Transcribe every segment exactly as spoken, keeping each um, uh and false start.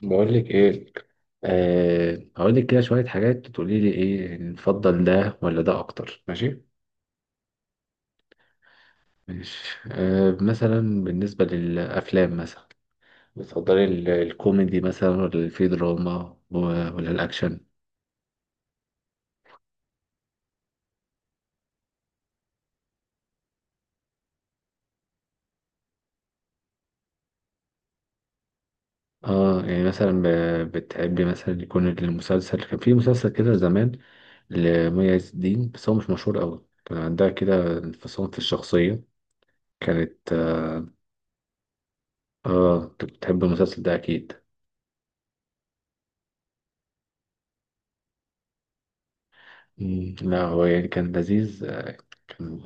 بقول لك ايه. أه هقول لك كده شويه حاجات تقولي لي ايه، نفضل ده ولا ده اكتر؟ ماشي. ماشي، أه مثلا بالنسبه للافلام، مثلا بتفضلي ال- الكوميدي مثلا، ولا في دراما و- ولا الاكشن؟ اه يعني مثلا ب- بتحبي مثلا يكون المسلسل، كان في مسلسل كده زمان لمي عز الدين، بس هو مش مشهور قوي، كان عندها كده انفصام في الشخصيه، كانت، اه كنت بتحب المسلسل ده اكيد. مم، لا هو يعني كان لذيذ، كان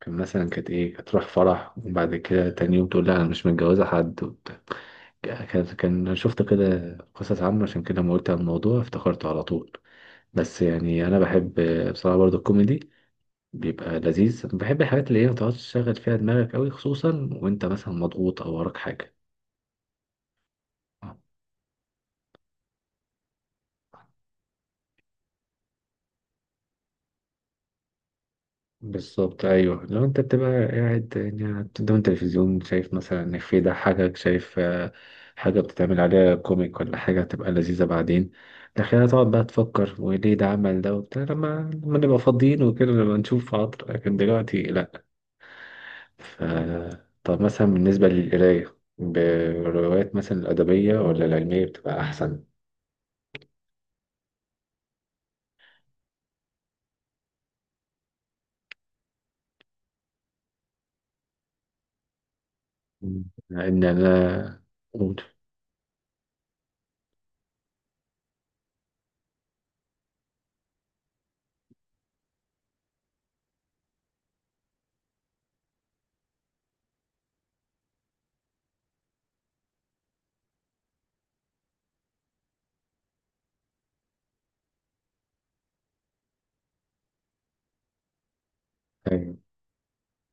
كان مثلا كانت ايه، هتروح فرح وبعد كده تاني يوم تقول لا انا مش متجوزة حد وبتاع. كان كان شفت كده قصص عامة، عشان كده لما قلت عن الموضوع افتكرته على طول. بس يعني انا بحب بصراحة برضو الكوميدي، بيبقى لذيذ. بحب الحاجات اللي هي ما تقعدش تشغل فيها دماغك قوي، خصوصا وانت مثلا مضغوط او وراك حاجة. بالظبط، ايوه. لو انت بتبقى قاعد يعني قدام التلفزيون شايف مثلا ان في ده حاجه، شايف آه، حاجه بتتعمل عليها كوميك ولا حاجه هتبقى لذيذه بعدين، لكن هتقعد بقى تفكر وليه ده عمل ده وبتاع، لما لما نبقى فاضيين وكده، لما نشوف عطر، لكن دلوقتي لا. ف... طب مثلا بالنسبه للقرايه، بالروايات مثلا الادبيه ولا العلميه بتبقى احسن؟ ان انا قول.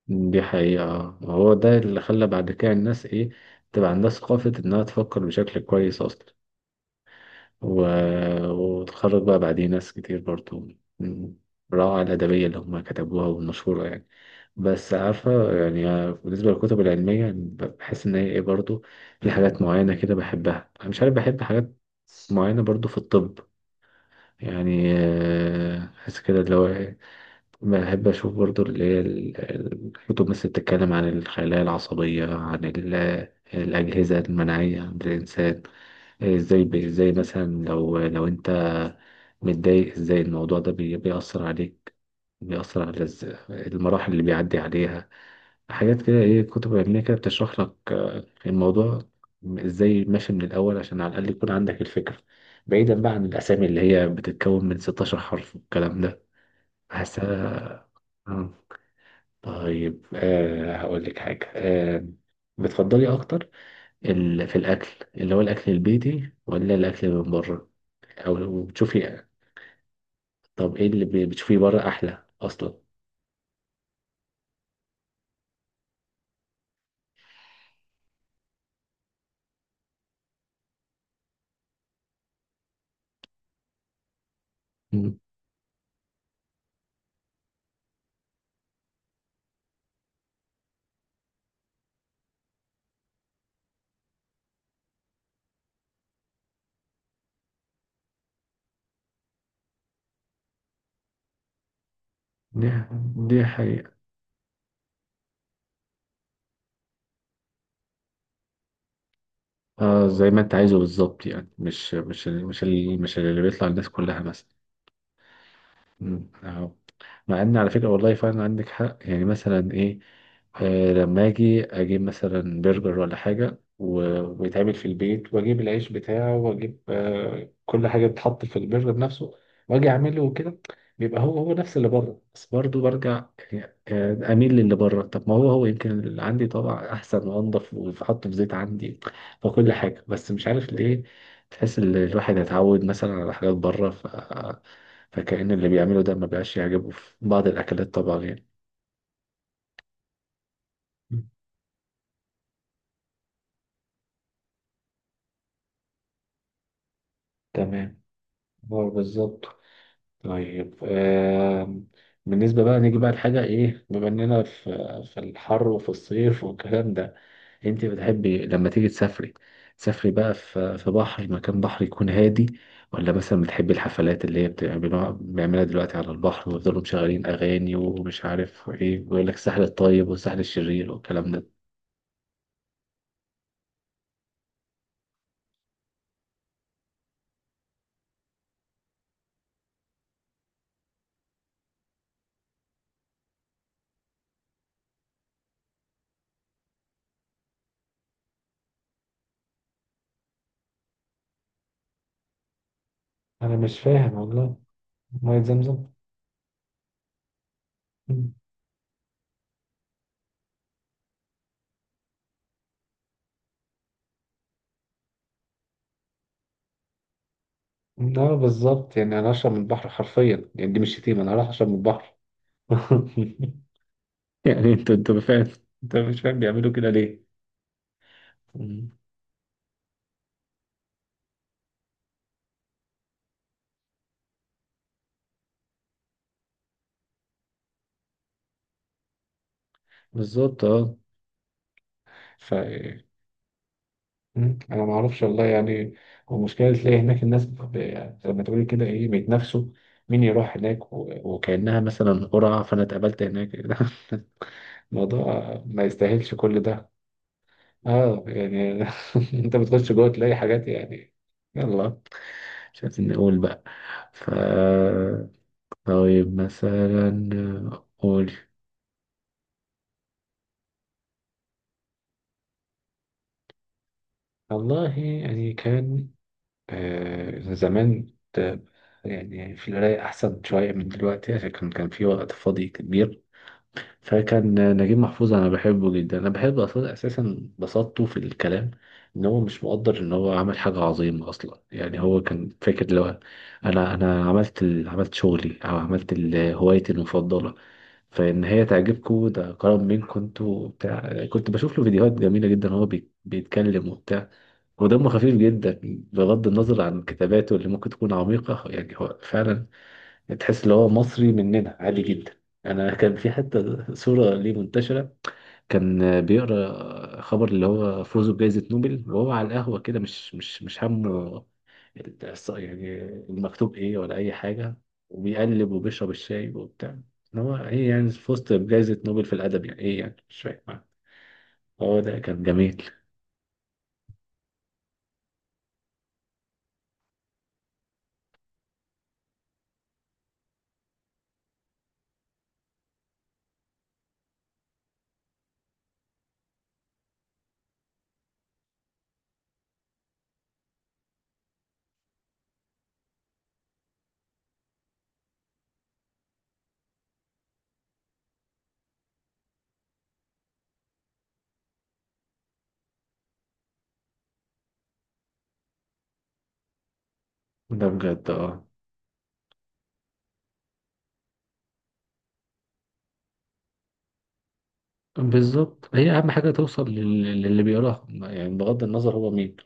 دي حقيقة آه. هو ده اللي خلى بعد كده الناس إيه، تبقى عندها ثقافة إنها تفكر بشكل كويس أصلا. و... وتخرج بقى بعديه ناس كتير برضو من الروعة الأدبية اللي هما كتبوها والمشهورة يعني. بس عارفة، يعني آه، بالنسبة للكتب العلمية بحس إن هي إيه برضو، في حاجات معينة كده بحبها، أنا مش عارف، بحب حاجات معينة برضو في الطب، يعني آه، بحس كده اللي هو، بحب اشوف برضو اللي هي ال- ال- الكتب مثل بتتكلم عن الخلايا العصبية، عن ال- الأجهزة المناعية عند الإنسان، ازاي بي- ازاي مثلا لو لو انت متضايق، ازاي الموضوع ده بي- بيأثر عليك، بيأثر على الز- المراحل اللي بيعدي عليها. حاجات كده ايه، كتب علمية كده بتشرح لك آه، الموضوع ازاي ماشي من الأول، عشان على الأقل يكون عندك الفكرة، بعيدا بقى عن الأسامي اللي هي بتتكون من ستاشر حرف والكلام ده. بحسها آه. طيب، أه هقول لك حاجة، أه، بتفضلي أكتر ال... في الأكل، اللي هو الأكل البيتي ولا الأكل من بره؟ أو لو بتشوفي، طب إيه اللي ب- بتشوفيه بره أحلى أصلا؟ مم. دي دي حقيقة. آه، زي ما أنت عايزه بالظبط، يعني مش مش مش ال- مش اللي بيطلع الناس كلها مثلا. مم. أهو. مع ان على فكره والله فعلا عندك حق، يعني مثلا ايه، آه، لما اجي اجيب مثلا برجر ولا حاجه و- ويتعمل في البيت، واجيب العيش بتاعه، واجيب آه كل حاجه بتتحط في البرجر نفسه، واجي اعمله وكده، بيبقى هو هو نفس اللي بره، بس برضه برجع يعني آه، اميل للي بره. طب ما هو هو يمكن اللي عندي طبعا احسن وانضف، وحطه في زيت عندي وكل حاجه، بس مش عارف ليه تحس ان الواحد اتعود مثلا على حاجات بره، فكأن اللي بيعمله ده ما بقاش يعجبه في بعض الأكلات طبعا يعني. مم. تمام، هو بالظبط. طيب آم، بالنسبة بقى نيجي بقى لحاجة إيه، بما إننا في في الحر وفي الصيف والكلام ده، أنت بتحبي لما تيجي تسافري، تسافري بقى في في بحر، مكان بحر يكون هادي، ولا مثلا بتحبي الحفلات اللي هي بتعملوها بيعملها دلوقتي على البحر، ويفضلوا مشغلين أغاني ومش عارف إيه، ويقول لك الساحل الطيب والساحل الشرير والكلام ده؟ أنا مش فاهم والله. مية زمزم؟ لا بالظبط، يعني انا اشرب من البحر حرفيا، يعني دي مش شتيمه، انا راح اشرب من البحر. يعني انت، انت ما فاهم، انت مش فاهم بيعملوا كده ليه. مم. بالظبط اه. ف مم. انا ما اعرفش والله يعني، المشكله تلاقي هناك الناس ب... زي ما تقولي كده ايه، بيتنافسوا مين يروح هناك و... وكانها مثلا قرعه، فانا اتقابلت هناك. الموضوع ما يستاهلش كل ده. اه يعني. انت بتخش جوه تلاقي حاجات يعني، يلا مش عايزين نقول بقى. ف طيب مثلا، قول. والله يعني كان آه، زمان كنت يعني في القراية أحسن شوية من دلوقتي، عشان كان كان في وقت فاضي كبير، فكان نجيب محفوظ أنا بحبه جدا. أنا بحب أصلا أساسا بساطته في الكلام، إن هو مش مقدر إن هو عمل حاجة عظيمة أصلا، يعني هو كان فاكر لو أنا، أنا عملت ال- عملت شغلي أو عملت ال- هوايتي المفضلة فان هي تعجبكم ده كرم منكم انتوا بتاع. كنت بشوف له فيديوهات جميله جدا، هو بي- بيتكلم وبتاع ودمه خفيف جدا، بغض النظر عن كتاباته اللي ممكن تكون عميقه. يعني هو فعلا تحس ان هو مصري مننا عادي جدا. انا كان في حتى صوره ليه منتشره، كان بيقرا خبر اللي هو فوزه بجائزة نوبل وهو على القهوة كده، مش مش مش همه الص- يعني المكتوب ايه ولا اي حاجة، وبيقلب وبيشرب الشاي وبتاع. ان هو ايه يعني، فزت بجائزة نوبل في الادب، يعني ايه، يعني مش فاهم. هو ده كان جميل. ده بجد اه. بالظبط، هي اهم حاجة توصل لل- للي بيقراها، يعني بغض النظر هو مين.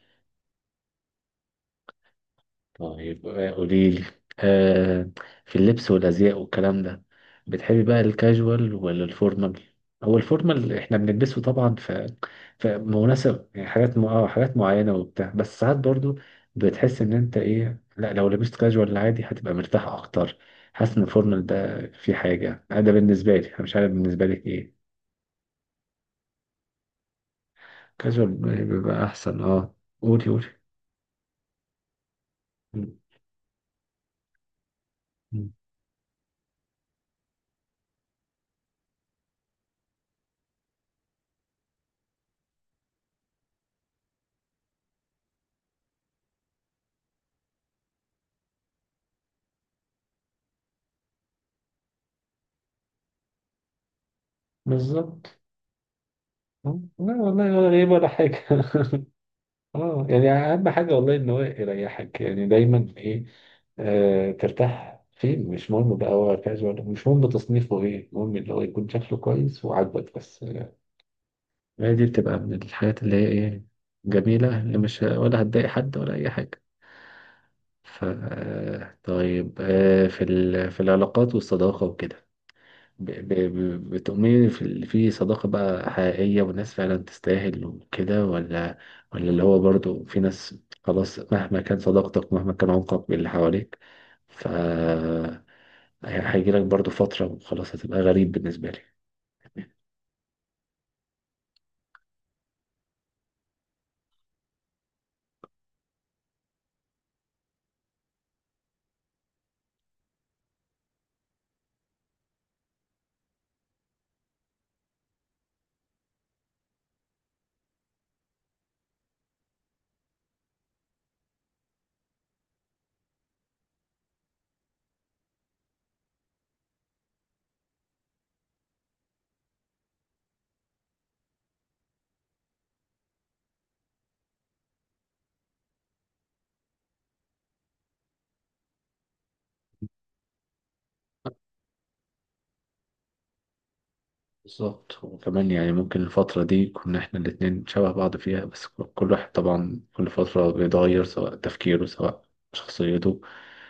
طيب آه، قولي لي آه، في اللبس والازياء والكلام ده، بتحبي بقى الكاجوال ولا الفورمال؟ هو الفورمال احنا بنلبسه طبعا، ف فمناسب يعني حاجات م... اه حاجات معينه وبتاع، بس ساعات برضو بتحس ان انت ايه، لا لو لبست كاجوال عادي هتبقى مرتاح اكتر، حاسس ان الفورمال ده في حاجه. أنا ده بالنسبه لي، انا مش عارف بالنسبه لك ايه. كاجوال بيبقى احسن اه. قولي قولي م- م. بالظبط. لا والله ولا غريب ولا حاجة. اه يعني اهم حاجه والله ان هو يريحك، يعني دايما ايه، آه ترتاح فين، مش مهم بقى هو كاجوال، مش مهم تصنيفه ايه، المهم اللي هو يكون شكله كويس وعاجبك بس. هي دي بتبقى من الحاجات اللي هي ايه، جميله، اللي مش ولا هتضايق حد ولا اي حاجه. ف آه، طيب آه، في ال... في العلاقات والصداقه وكده، ب- ب- ب- بتؤمني في ال- في صداقة بقى حقيقية والناس فعلا تستاهل وكده، ولا، ولا اللي هو برضو في ناس خلاص، مهما كان صداقتك، مهما كان عمقك باللي حواليك، ف هي- هيجيلك برضو فترة وخلاص هتبقى غريب بالنسبة لي؟ بالظبط، وكمان يعني ممكن الفترة دي كنا احنا الاتنين شبه بعض فيها، بس كل واحد طبعا كل فترة بيتغير، سواء تفكيره سواء شخصيته،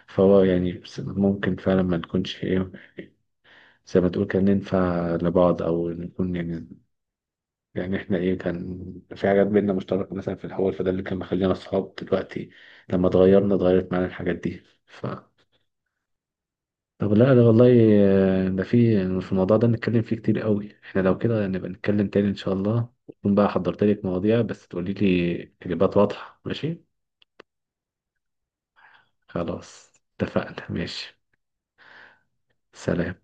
فهو يعني ممكن فعلا ما نكونش ايه، زي ما تقول كان ننفع لبعض او نكون يعني، يعني احنا ايه كان في حاجات بينا مشتركه مثلا في الاول، فده اللي كان مخلينا اصحاب دلوقتي، لما اتغيرنا اتغيرت معانا الحاجات دي. ف طب لا لا والله آه، ده في في الموضوع ده نتكلم فيه كتير قوي، احنا لو كده نبقى نتكلم تاني ان شاء الله، تكون بقى حضرت لك مواضيع بس تقولي لي اجابات واضحه، ماشي؟ خلاص، اتفقنا ماشي. سلام.